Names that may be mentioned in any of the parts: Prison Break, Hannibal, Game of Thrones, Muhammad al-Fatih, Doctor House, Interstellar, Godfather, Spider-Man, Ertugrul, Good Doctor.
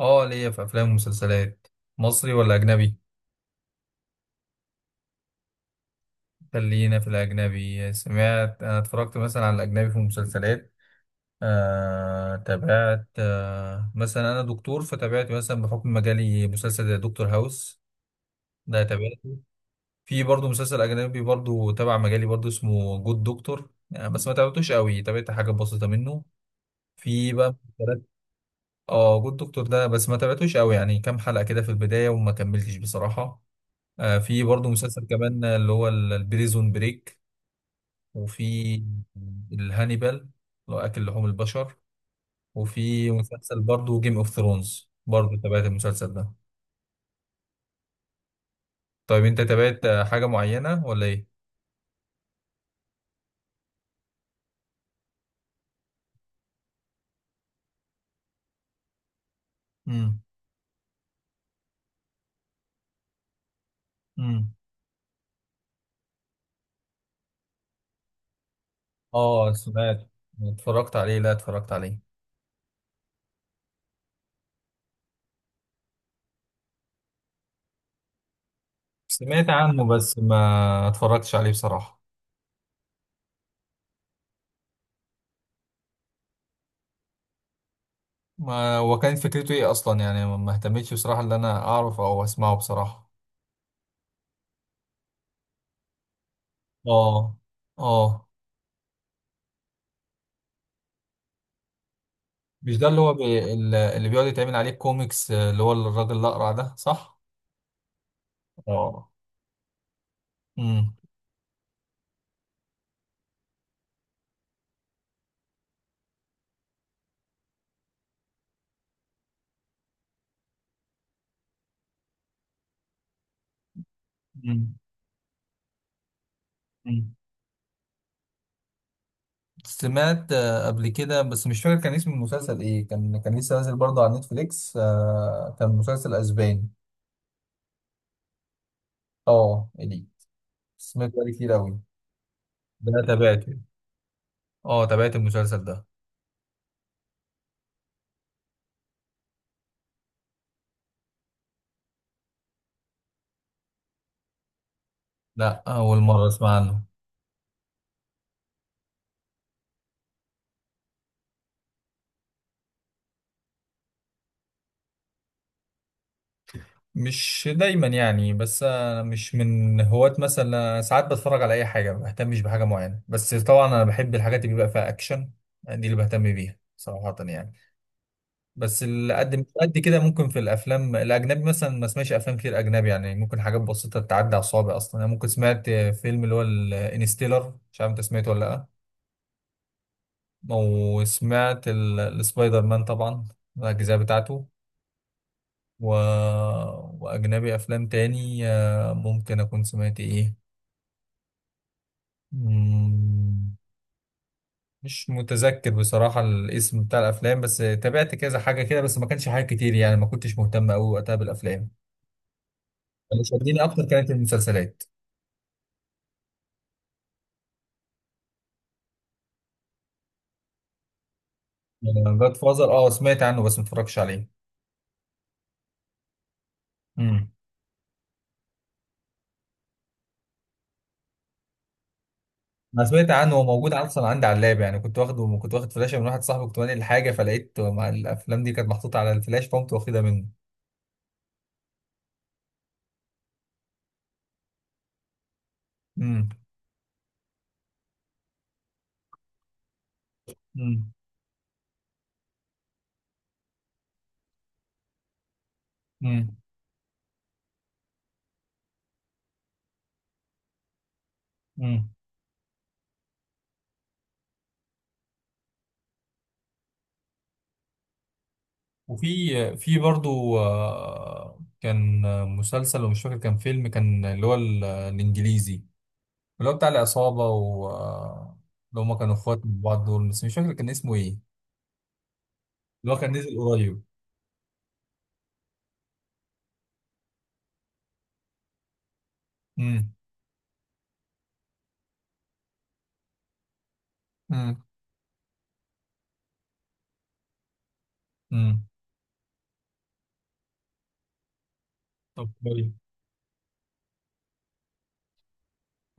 اه، ليا في افلام ومسلسلات. مصري ولا اجنبي؟ خلينا في الاجنبي. سمعت، انا اتفرجت مثلا على الاجنبي في مسلسلات. تابعت، مثلا انا دكتور، فتابعت مثلا بحكم مجالي مسلسل زي دكتور هاوس. ده تابعته. في برضه مسلسل اجنبي برضه تبع مجالي، برضه اسمه جود دكتور يعني، بس ما تابعتوش قوي، تابعت حاجه بسيطه منه. في بقى مسلسلات. اه، جود دكتور ده بس ما تابعتوش قوي يعني، كام حلقه كده في البدايه وما كملتش بصراحه. في برضه مسلسل كمان اللي هو البريزون بريك. وفي الهانيبال اللي هو أكل لحوم البشر. وفي مسلسل برضه جيم اوف ثرونز، برضه تابعت المسلسل ده. طيب، انت تابعت حاجة معينة ولا ايه؟ امم. امم. اه، سمعت. اتفرجت عليه، لا اتفرجت عليه. سمعت عنه بس ما اتفرجتش عليه بصراحة. ما هو كانت فكرته ايه اصلا يعني، ما اهتمتش بصراحة ان انا اعرف او اسمعه بصراحة. اه. اه. مش ده اللي هو اللي بيقعد يتعمل عليه كوميكس، اللي هو الراجل الأقرع ده، صح؟ اه. امم. امم. أمم. سمعت قبل كده، بس مش فاكر كان اسم المسلسل ايه. كان لسه نازل برضه على نتفليكس، كان مسلسل اسباني. اه، إلي، سمعت عليه كتير قوي. ده تابعته. اه، تابعت المسلسل ده. لا، اول مرة اسمع عنه. مش دايما يعني، بس انا مش من هواة مثلا، أنا ساعات بتفرج على اي حاجه ما بهتمش بحاجه معينه، بس طبعا انا بحب الحاجات اللي بيبقى فيها اكشن، دي اللي بهتم بيها صراحه يعني. بس اللي قد مش قد كده، ممكن في الافلام الاجنبي مثلا ما اسمعش افلام كتير اجنبي يعني، ممكن حاجات بسيطه تعدي على الصوابع اصلا. انا ممكن سمعت فيلم اللي هو الانستيلر، مش عارف انت سمعته ولا لا. وسمعت السبايدر مان طبعا، الاجزاء بتاعته. و... وأجنبي أفلام تاني، ممكن أكون سمعت إيه مم، مش متذكر بصراحة الاسم بتاع الأفلام، بس تابعت كذا حاجة كده، بس ما كانش حاجة كتير يعني، ما كنتش مهتم أوي وقتها بالأفلام. اللي شدني أكتر كانت المسلسلات. جاد فازر، أه سمعت عنه بس ما اتفرجتش عليه. مم. أنا سمعت عنه، هو موجود أصلا عندي على اللاب يعني، كنت واخد فلاشة من واحد صاحبي، كنت بنقل حاجة فلقيت مع الأفلام دي كانت محطوطة على الفلاش، فقمت واخدها منه. مم. مم. مم. مم. وفي برضو، كان مسلسل ومش فاكر كان فيلم، كان اللي هو الانجليزي، اللي هو بتاع العصابة، و آه، اللي هما كانوا اخوات من بعض دول، بس مش فاكر كان اسمه ايه. اللي هو كان نزل قريب. امم. امم. امم. طب كويس.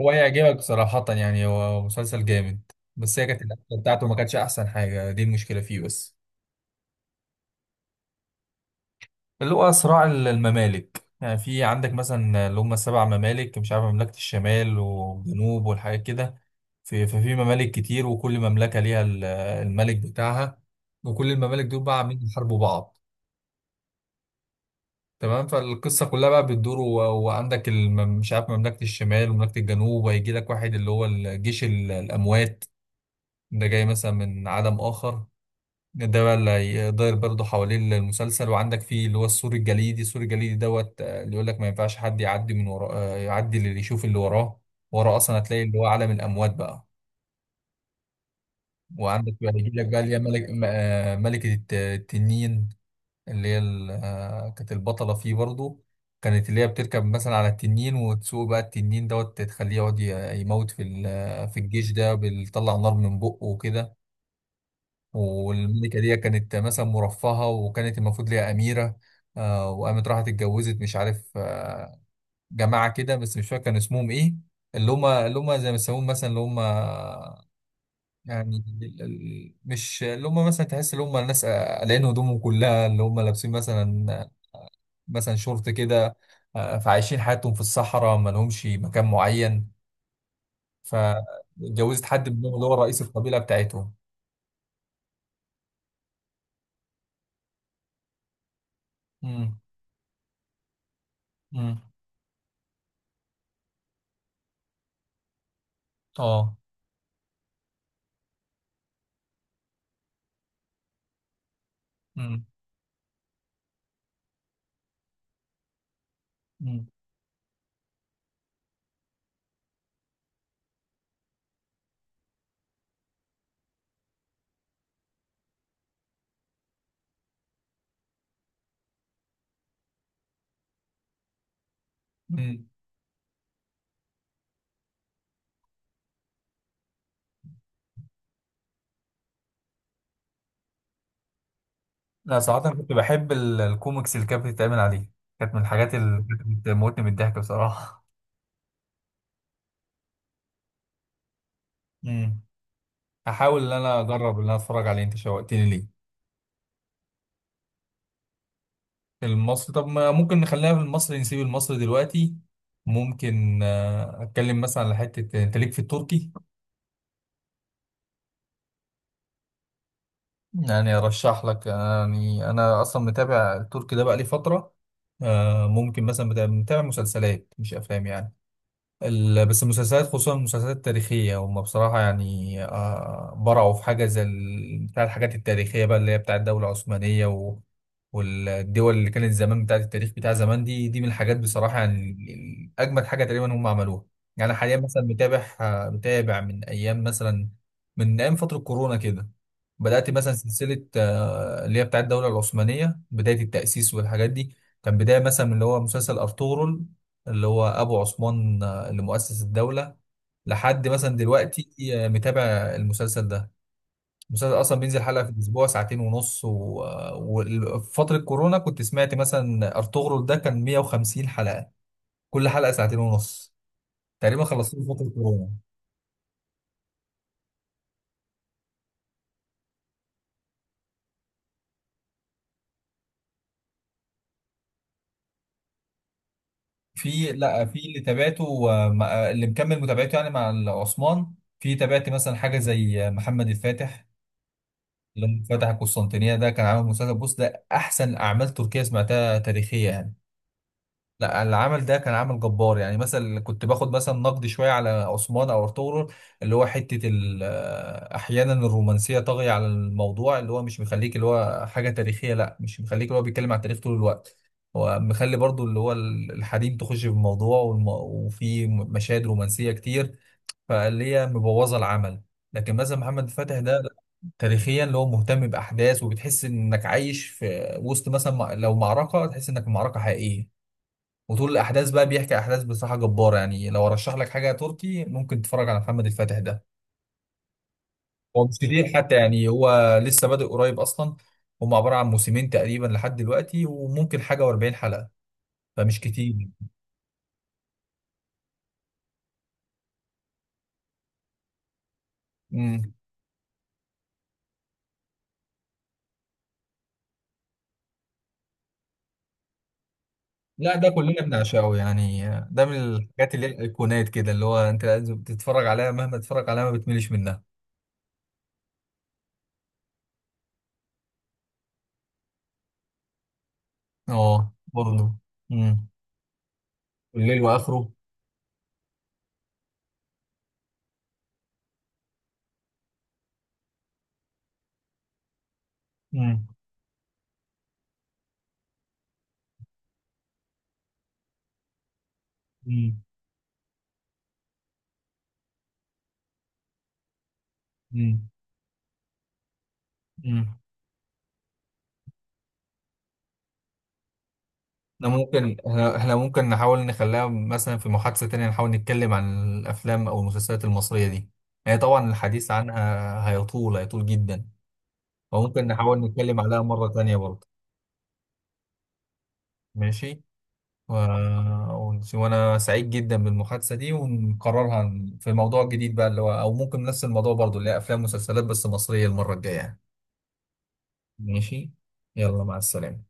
هو هيعجبك صراحة يعني، هو مسلسل جامد، بس هي كانت الأكلة بتاعته ما كانتش أحسن حاجة، دي المشكلة فيه بس. اللي هو صراع الممالك يعني، في عندك مثلا اللي هم السبع ممالك، مش عارف مملكة الشمال والجنوب والحاجات كده. ففي ممالك كتير، وكل مملكة ليها الملك بتاعها، وكل الممالك دول بقى عاملين يحاربوا بعض. تمام، فالقصة كلها بقى بتدور وعندك مش عارف مملكة الشمال ومملكة الجنوب، وهيجي لك واحد اللي هو الجيش الأموات، ده جاي مثلا من عالم آخر. ده بقى اللي هيدار برضه حوالين المسلسل. وعندك فيه اللي هو السور الجليدي، السور الجليدي دوت، اللي يقول لك ما ينفعش حد يعدي من وراه، يعدي اللي يشوف اللي وراه. وراه اصلا هتلاقي اللي هو عالم الاموات بقى. وعندك بقى يجي لك بقى اللي هي ملكة التنين، اللي هي كانت البطلة فيه برضه. كانت اللي هي بتركب مثلا على التنين وتسوق بقى التنين دوت، تخليه يقعد يموت في ال- آه، في الجيش ده، بيطلع نار من بقه وكده. والملكة دي كانت مثلا مرفهة، وكانت المفروض ليها أميرة، وقامت راحت اتجوزت، مش عارف، جماعة كده بس مش فاكر كان اسمهم إيه. اللي هم زي ما يسموهم مثلا، اللي هم يعني مش اللي هم، مثلا تحس اللي هم الناس قلعين هدومهم كلها، اللي هم لابسين مثلا، مثلا شورت كده، فعايشين حياتهم في الصحراء ما لهمش مكان معين، فاتجوزت حد منهم اللي هو رئيس القبيلة بتاعتهم. امم. امم. اه. امم. لا صراحة أنا كنت بحب الكوميكس اللي كانت بتتعمل عليه، كانت من الحاجات اللي كانت بتموتني من الضحك بصراحة. امم. هحاول إن أنا أجرب إن أنا أتفرج عليه، أنت شوقتني ليه. المصري، طب ما ممكن نخلينا في المصري، نسيب المصري دلوقتي. ممكن أتكلم مثلا على حتة، أنت ليك في التركي؟ يعني أرشح لك يعني، أنا أصلا متابع التركي ده بقالي فترة. ممكن مثلا، متابع مسلسلات مش أفلام يعني. بس المسلسلات، خصوصا المسلسلات التاريخية، هم بصراحة يعني برعوا في حاجة زي بتاع الحاجات التاريخية بقى، اللي هي بتاع الدولة العثمانية والدول اللي كانت زمان، بتاعت التاريخ بتاع زمان دي من الحاجات بصراحة يعني، أجمد حاجة تقريبا هم عملوها. يعني أنا حاليا مثلا متابع من أيام مثلا، من أيام فترة كورونا كده. بدأت مثلا سلسلة، اللي هي بتاعت الدولة العثمانية، بداية التأسيس والحاجات دي. كان بداية مثلا من اللي هو مسلسل أرطغرل، اللي هو ابو عثمان، لمؤسس الدولة، لحد مثلا دلوقتي، متابع المسلسل ده. المسلسل أصلا بينزل حلقة في الأسبوع، ساعتين ونص، و- آه، وفي فترة كورونا كنت سمعت مثلا أرطغرل ده كان 150 حلقة، كل حلقة ساعتين ونص، تقريبا خلصته في فترة كورونا. في، لا في اللي تابعته، اللي مكمل متابعته يعني مع عثمان. في تابعت مثلا حاجة زي محمد الفاتح، اللي هو فتح القسطنطينية. ده كان عامل مسلسل، بص، ده أحسن أعمال تركية سمعتها تاريخية يعني. لا، اللي عمل ده كان عامل جبار يعني. مثلا كنت باخد مثلا نقد شويه على عثمان او ارطغرل، اللي هو حته احيانا الرومانسيه طاغيه على الموضوع، اللي هو مش مخليك اللي هو حاجه تاريخيه، لا، مش مخليك اللي هو بيتكلم على التاريخ طول الوقت. هو مخلي برضو اللي هو الحريم تخش في الموضوع، وفي مشاهد رومانسيه كتير، فاللي هي مبوظه العمل. لكن مثلا محمد فتح ده، لا، تاريخيا اللي هو مهتم باحداث، وبتحس انك عايش في وسط مثلا، لو معركه تحس انك في معركه حقيقيه. وطول الاحداث بقى بيحكي احداث بصراحه جباره يعني. لو ارشح لك حاجه تركي، ممكن تتفرج على محمد الفاتح ده. هو مش كتير حتى يعني، هو لسه بادئ قريب اصلا، هم عباره عن موسمين تقريبا لحد دلوقتي، وممكن حاجه و40 حلقه، فمش كتير. امم. لا، ده كلنا بنعشقه يعني، ده من الحاجات اللي هي الايقونات كده، اللي هو انت لازم تتفرج عليها، مهما تتفرج عليها ما بتملش منها. اه، برضه. امم. الليل واخره. امم. امم. امم. احنا ممكن احنا إحنا ممكن نحاول نخليها مثلا في محادثة تانية، نحاول نتكلم عن الافلام او المسلسلات المصرية دي. هي طبعا الحديث عنها هيطول، هيطول جدا، فممكن نحاول نتكلم عليها مرة تانية برضه. ماشي. و... وانا سعيد جدا بالمحادثة دي، ونقررها في موضوع جديد بقى، اللي هو او ممكن نفس الموضوع برضه، اللي هي افلام ومسلسلات بس مصرية المرة الجاية. ماشي. يلا مع السلامة.